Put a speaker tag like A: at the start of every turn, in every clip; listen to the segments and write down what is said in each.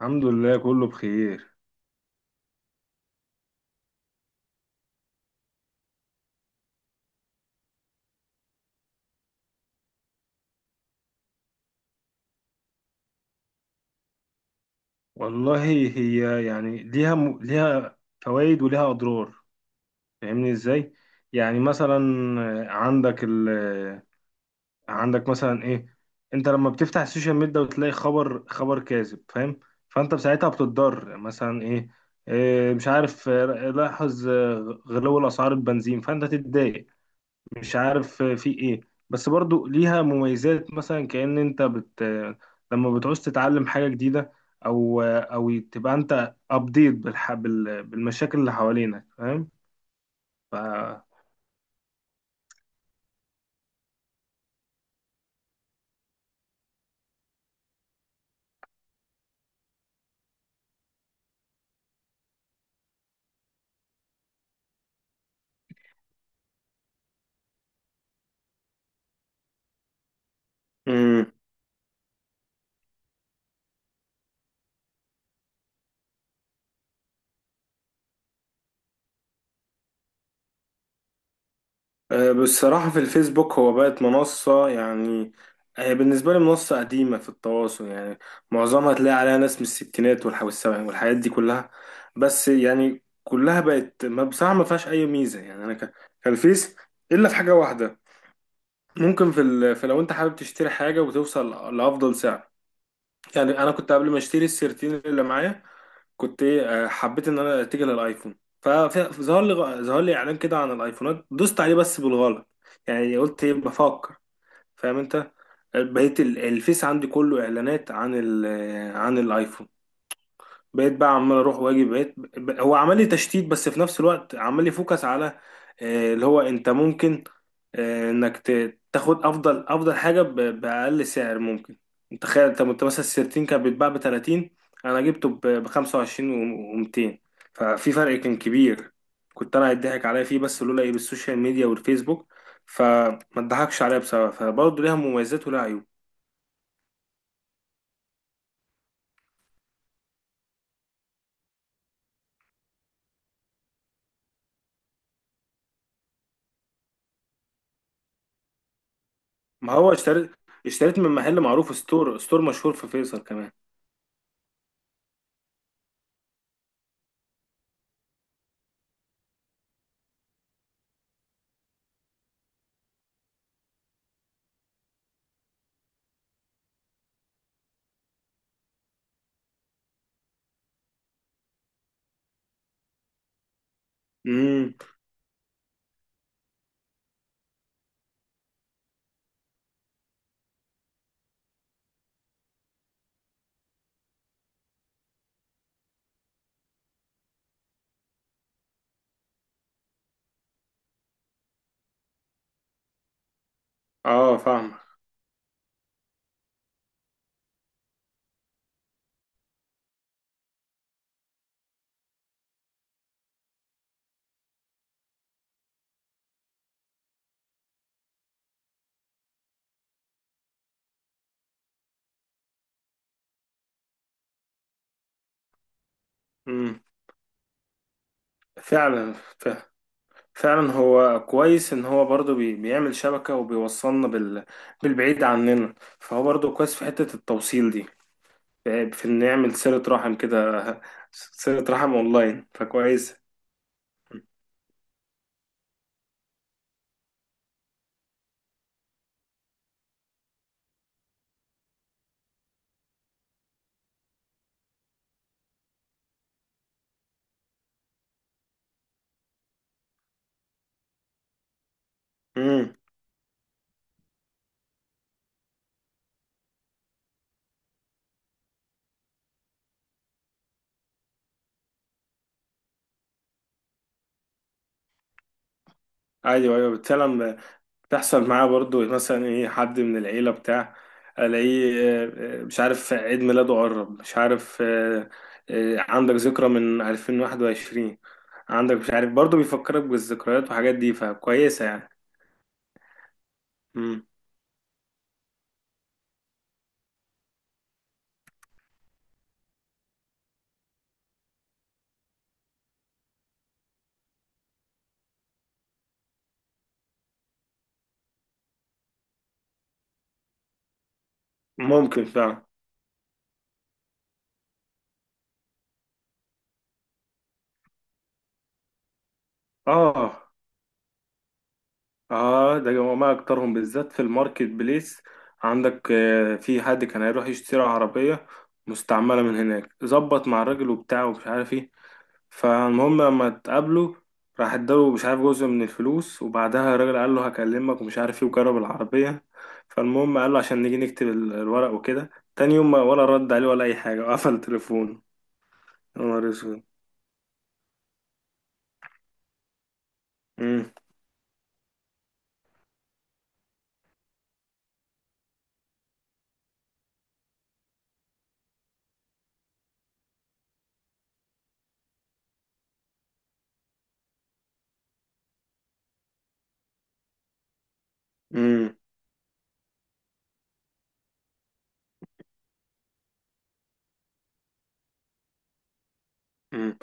A: الحمد لله، كله بخير. والله، هي يعني ليها فوائد وليها أضرار. فاهمني ازاي؟ يعني مثلا، عندك ال... آه، عندك مثلا ايه؟ انت لما بتفتح السوشيال ميديا وتلاقي خبر كاذب، فاهم؟ فانت ساعتها بتتضرر، مثلا ايه؟ إيه، مش عارف. لاحظ غلو الأسعار، البنزين، فانت تتضايق. مش عارف في ايه. بس برضو ليها مميزات، مثلا كأن انت بت لما بتعوز تتعلم حاجة جديدة، او تبقى انت ابديت بالمشاكل اللي حوالينك، فاهم؟ ف... امم بصراحة في الفيسبوك هو بقت منصة يعني. هي بالنسبة لي منصة قديمة في التواصل يعني. معظمها تلاقي عليها ناس من الستينات والسبعينات والحاجات دي كلها. بس يعني كلها بقت، ما بصراحة ما فيهاش أي ميزة يعني. كان الفيس، إلا في حاجة واحدة. ممكن في، لو انت حابب تشتري حاجة وتوصل لأفضل سعر. يعني أنا كنت قبل ما اشتري السيرتين اللي معايا، كنت ايه، حبيت إن أنا أتجه للآيفون. ظهر لي إعلان كده عن الآيفونات، دوست عليه بس بالغلط. يعني قلت ايه بفكر، فاهم انت؟ بقيت الفيس عندي كله إعلانات عن ال... آه، عن الآيفون. بقيت بقى عمال اروح واجي. هو عمل لي تشتيت، بس في نفس الوقت عمال لي فوكس على اللي هو انت ممكن، انك تاخد افضل افضل حاجه باقل سعر ممكن. انت تخيل، أنت مثلا السيرتين كان بيتباع ب 30، انا جبته ب 25 و200. ففي فرق كان كبير. كنت انا هيضحك عليا فيه، بس لولا ايه، بالسوشيال ميديا والفيسبوك، فما اتضحكش عليا بسبب. فبرضه ليها مميزات ولها عيوب. ما هو اشتريت، اشتريت من محل معروف، ستور مشهور في فيصل كمان. امم اه، فاهمك. امم فعلا، فعلا، فعلا. هو كويس ان هو برضو بيعمل شبكة وبيوصلنا بال... بالبعيد عننا. فهو برضو كويس في حتة التوصيل دي، في ان نعمل صلة رحم كده، صلة رحم اونلاين، فكويس. امم ايوه، ايوه، فعلا. تحصل معاه برضو مثلا ايه، حد من العيلة بتاع، الاقيه. مش عارف عيد ميلاده قرب، مش عارف. عندك ذكرى من 2021، عندك مش عارف، برضو بيفكرك بالذكريات والحاجات دي، فكويسة يعني. مم. ممكن فعلا. اه، اه، ده جماعة اكترهم بالذات في الماركت بليس. عندك في حد كان هيروح يشتري عربية مستعملة من هناك، ظبط مع الراجل وبتاع ومش عارف ايه. فالمهم لما اتقابلوا، راح اداله مش عارف جزء من الفلوس، وبعدها الراجل قال له هكلمك ومش عارف ايه وجرب العربية. فالمهم قال له عشان نيجي نكتب الورق وكده. تاني يوم ولا رد عليه ولا أي حاجة، وقفل تليفونه. يا نهار أسود. أمم، أمم، أمأم.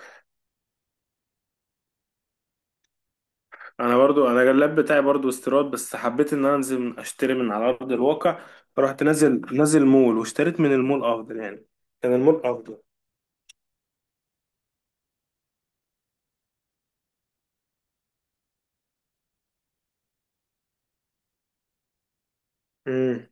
A: أنا برضو، أنا اللاب بتاعي برضو استيراد، بس حبيت إن أنا أنزل أشتري من على أرض الواقع. رحت نازل، مول واشتريت من المول، أفضل يعني. كان المول أفضل. أمم.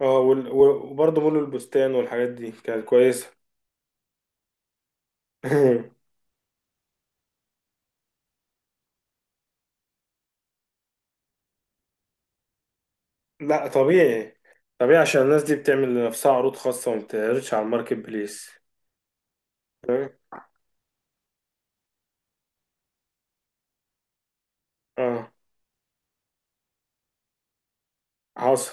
A: اه وبرضه مول البستان والحاجات دي كانت كويسة. لا، طبيعي، طبيعي عشان الناس دي بتعمل لنفسها عروض خاصة وما بتعرضش على الماركت بليس. تمام؟ اه، حصل.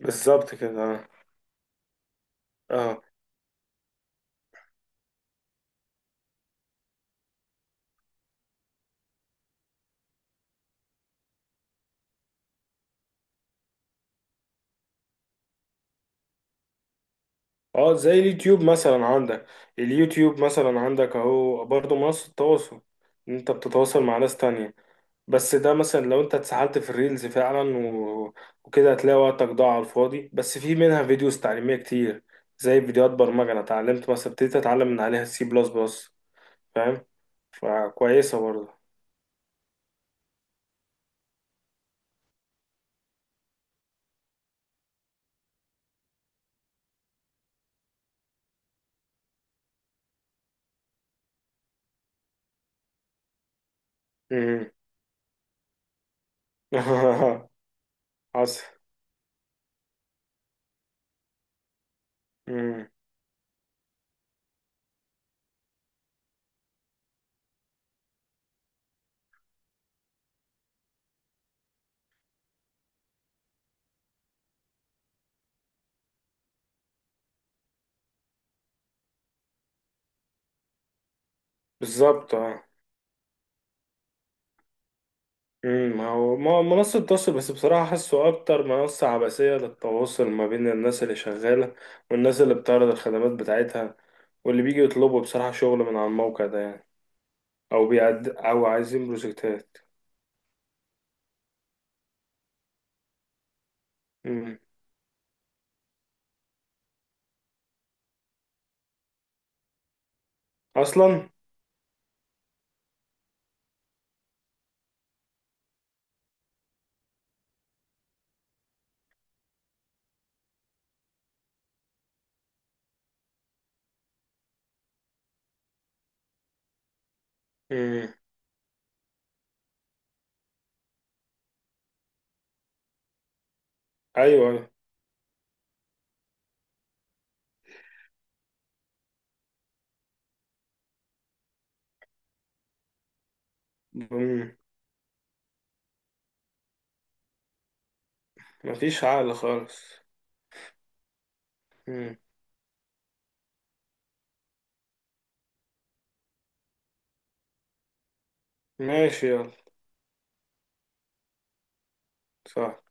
A: بالظبط كده، اه. اه، اه، زي اليوتيوب مثلا عندك، اليوتيوب مثلا عندك اهو برضه منصة تواصل. إن انت بتتواصل مع ناس تانية. بس ده مثلا لو انت اتسحلت في الريلز فعلا و... وكده، هتلاقي وقتك ضاع على الفاضي. بس في منها فيديوز تعليمية كتير، زي فيديوهات برمجة. انا اتعلمت مثلا، ابتديت اتعلم من عليها السي بلس بلس، فاهم؟ فكويسة برضه. مم. حصل. مم. بالظبط، اه. مم. ما هو منصة تواصل، بس بصراحة حاسه أكتر منصة عبثية للتواصل ما بين الناس اللي شغالة، والناس اللي بتعرض الخدمات بتاعتها، واللي بيجي يطلبوا بصراحة شغل من على الموقع ده يعني. أو بيعد، أو عايزين بروجكتات. مم. أصلا. مم. أيوه، أيوه. مم. مفيش عقل خالص. مم. ماشي، يلا. صح.